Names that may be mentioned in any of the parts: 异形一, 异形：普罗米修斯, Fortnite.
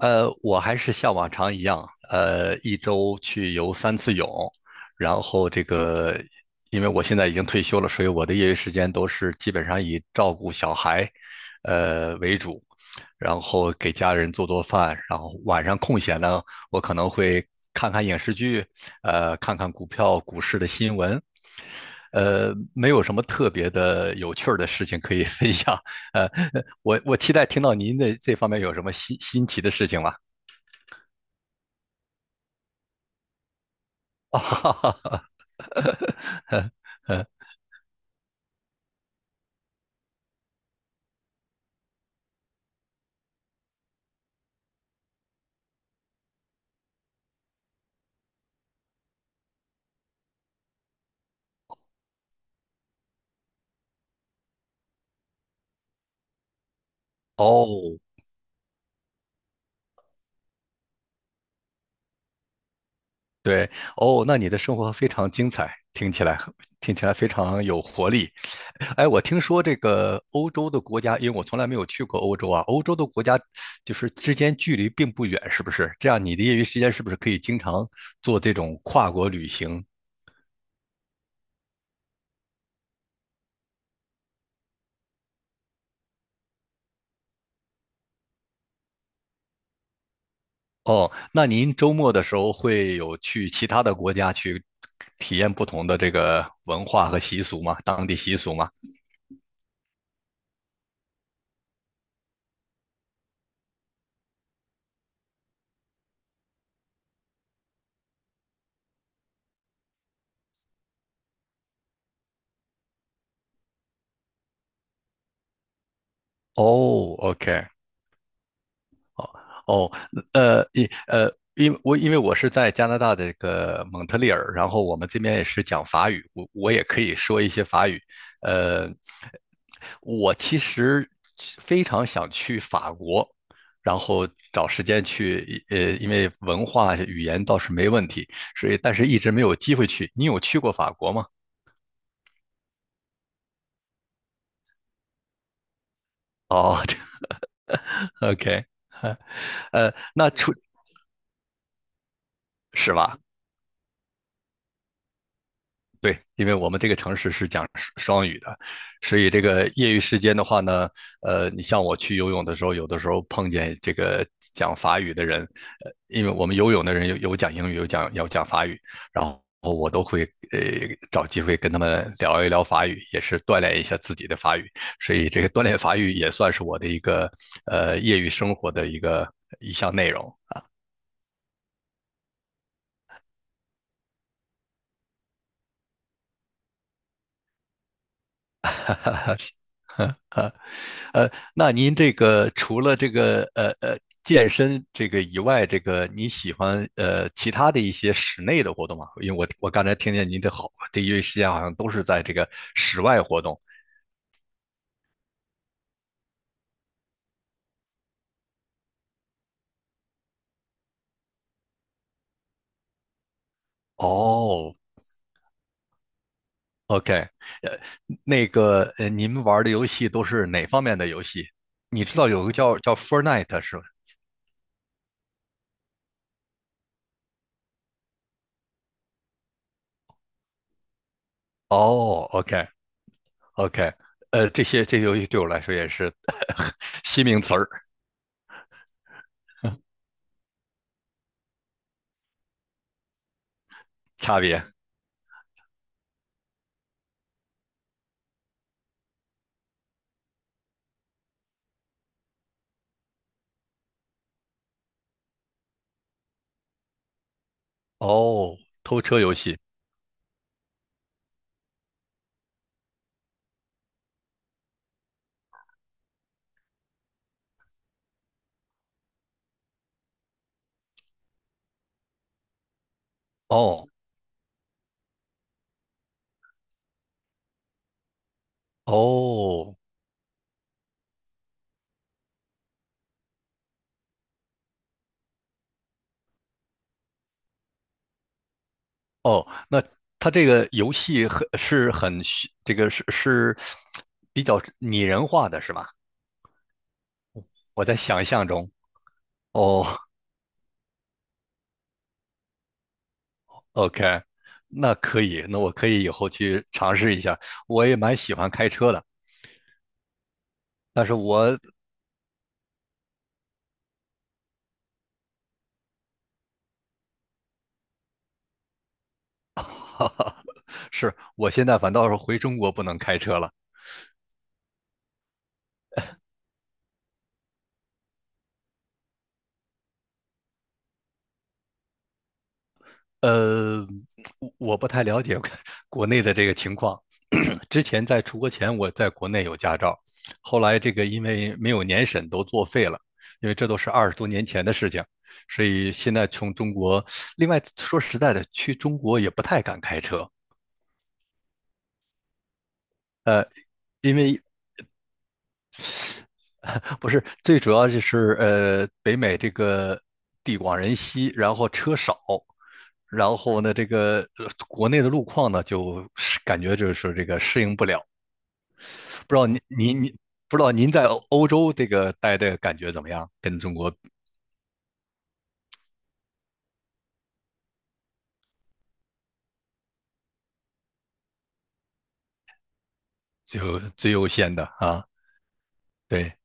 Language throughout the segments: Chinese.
我还是像往常一样，一周去游三次泳，然后这个，因为我现在已经退休了，所以我的业余时间都是基本上以照顾小孩，为主，然后给家人做做饭，然后晚上空闲呢，我可能会看看影视剧，看看股票、股市的新闻，没有什么特别的有趣儿的事情可以 分享，呃，我期待听到您的这方面有什么新奇的事情吗？啊哈哈哈。嗯。哦。对。哦，那你的生活非常精彩，听起来非常有活力。哎，我听说这个欧洲的国家，因为我从来没有去过欧洲啊，欧洲的国家就是之间距离并不远，是不是？这样你的业余时间是不是可以经常做这种跨国旅行？哦，那您周末的时候会有去其他的国家去体验不同的这个文化和习俗吗？当地习俗吗？哦，OK。哦，呃，一呃，因为我是在加拿大的这个蒙特利尔，然后我们这边也是讲法语，我也可以说一些法语。呃，我其实非常想去法国，然后找时间去，因为文化语言倒是没问题，所以但是一直没有机会去。你有去过法国吗？哦 ，OK,这，OK。呃，那除是吧？对，因为我们这个城市是讲双语的，所以这个业余时间的话呢，你像我去游泳的时候，有的时候碰见这个讲法语的人，因为我们游泳的人有讲英语，有讲法语，然后我都会呃找机会跟他们聊一聊法语，也是锻炼一下自己的法语，所以这个锻炼法语也算是我的一个业余生活的一项内容。哈哈哈。那您这个除了这个健身这个以外，这个你喜欢其他的一些室内的活动吗？因为我刚才听见您的好，这一时间好像都是在这个室外活动。哦，OK。呃，您玩的游戏都是哪方面的游戏？你知道有个叫 Fortnite 是吧？哦，OK OK。这些这些游戏对我来说也是 新名词儿，差别。哦，偷车游戏。哦哦哦，那他这个游戏很是很虚这个是是比较拟人化的是吧？我在想象中。哦，OK,那可以，那我可以以后去尝试一下。我也蛮喜欢开车的，但是我 哈哈，是我现在反倒是回中国不能开车了。呃，我不太了解国 内的这个情况。之前在出国前，我在国内有驾照，后来这个因为没有年审都作废了，因为这都是二十多年前的事情，所以现在从中国，另外说实在的，去中国也不太敢开车，因为不是最主要就是北美这个地广人稀，然后车少，然后呢，这个国内的路况呢，就是感觉就是这个适应不了。不知道您不知道您在欧欧洲这个待的感觉怎么样？跟中国就最优先的啊，对，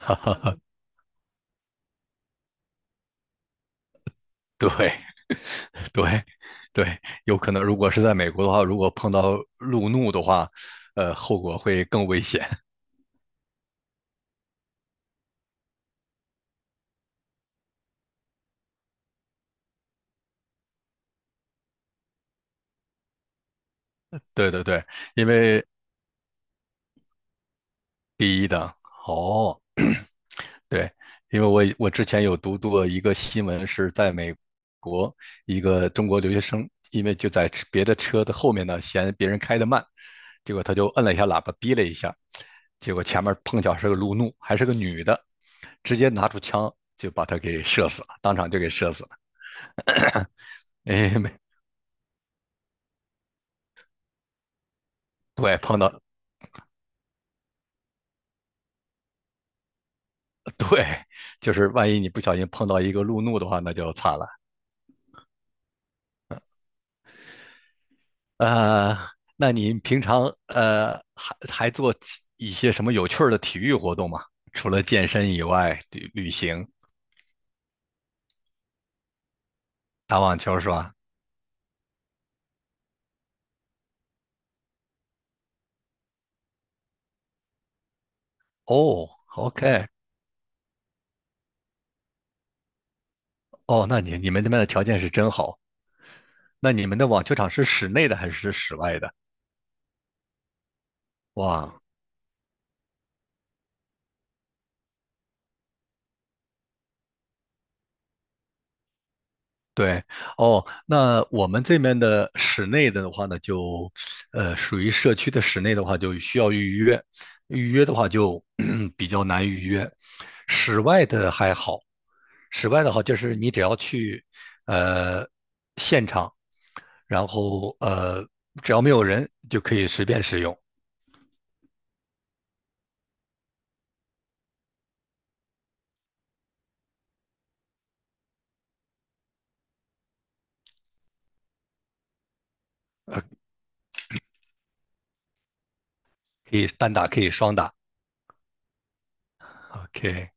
对对对，有可能如果是在美国的话，如果碰到路怒的话，后果会更危险。对对对，因为第一的哦。对，因为我之前有读过一个新闻，是在美国一个中国留学生，因为就在车别的车的后面呢，嫌别人开的慢，结果他就摁了一下喇叭，逼了一下，结果前面碰巧是个路怒，还是个女的，直接拿出枪就把他给射死了，当场就给射死了。哎，没，对，碰到就是万一你不小心碰到一个路怒的话，那就惨了。呃，那你平常还做其一些什么有趣儿的体育活动吗？除了健身以外，旅行、打网球是吧？哦，OK。哦，那你你们那边的条件是真好。那你们的网球场是室内的还是室外的？哇，对，哦，那我们这边的室内的话呢，就，属于社区的室内的话，就需要预约，预约的话就 比较难预约，室外的还好，室外的话就是你只要去，呃，现场，然后只要没有人就可以随便使用，可以单打，可以双打，OK,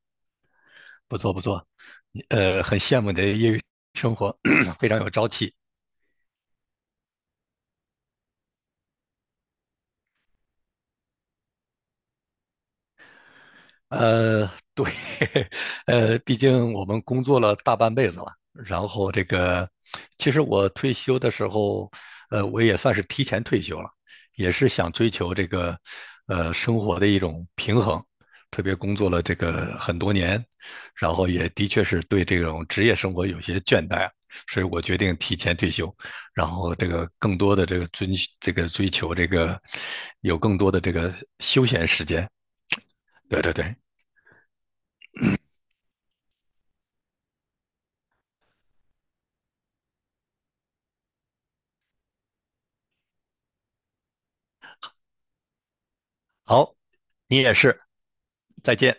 不错不错，你很羡慕你的业余生活，非常有朝气。呃，对，毕竟我们工作了大半辈子了，然后这个，其实我退休的时候，我也算是提前退休了，也是想追求这个，生活的一种平衡，特别工作了这个很多年，然后也的确是对这种职业生活有些倦怠，所以我决定提前退休，然后这个更多的这个追求这个，有更多的这个休闲时间。对对对，好，你也是，再见。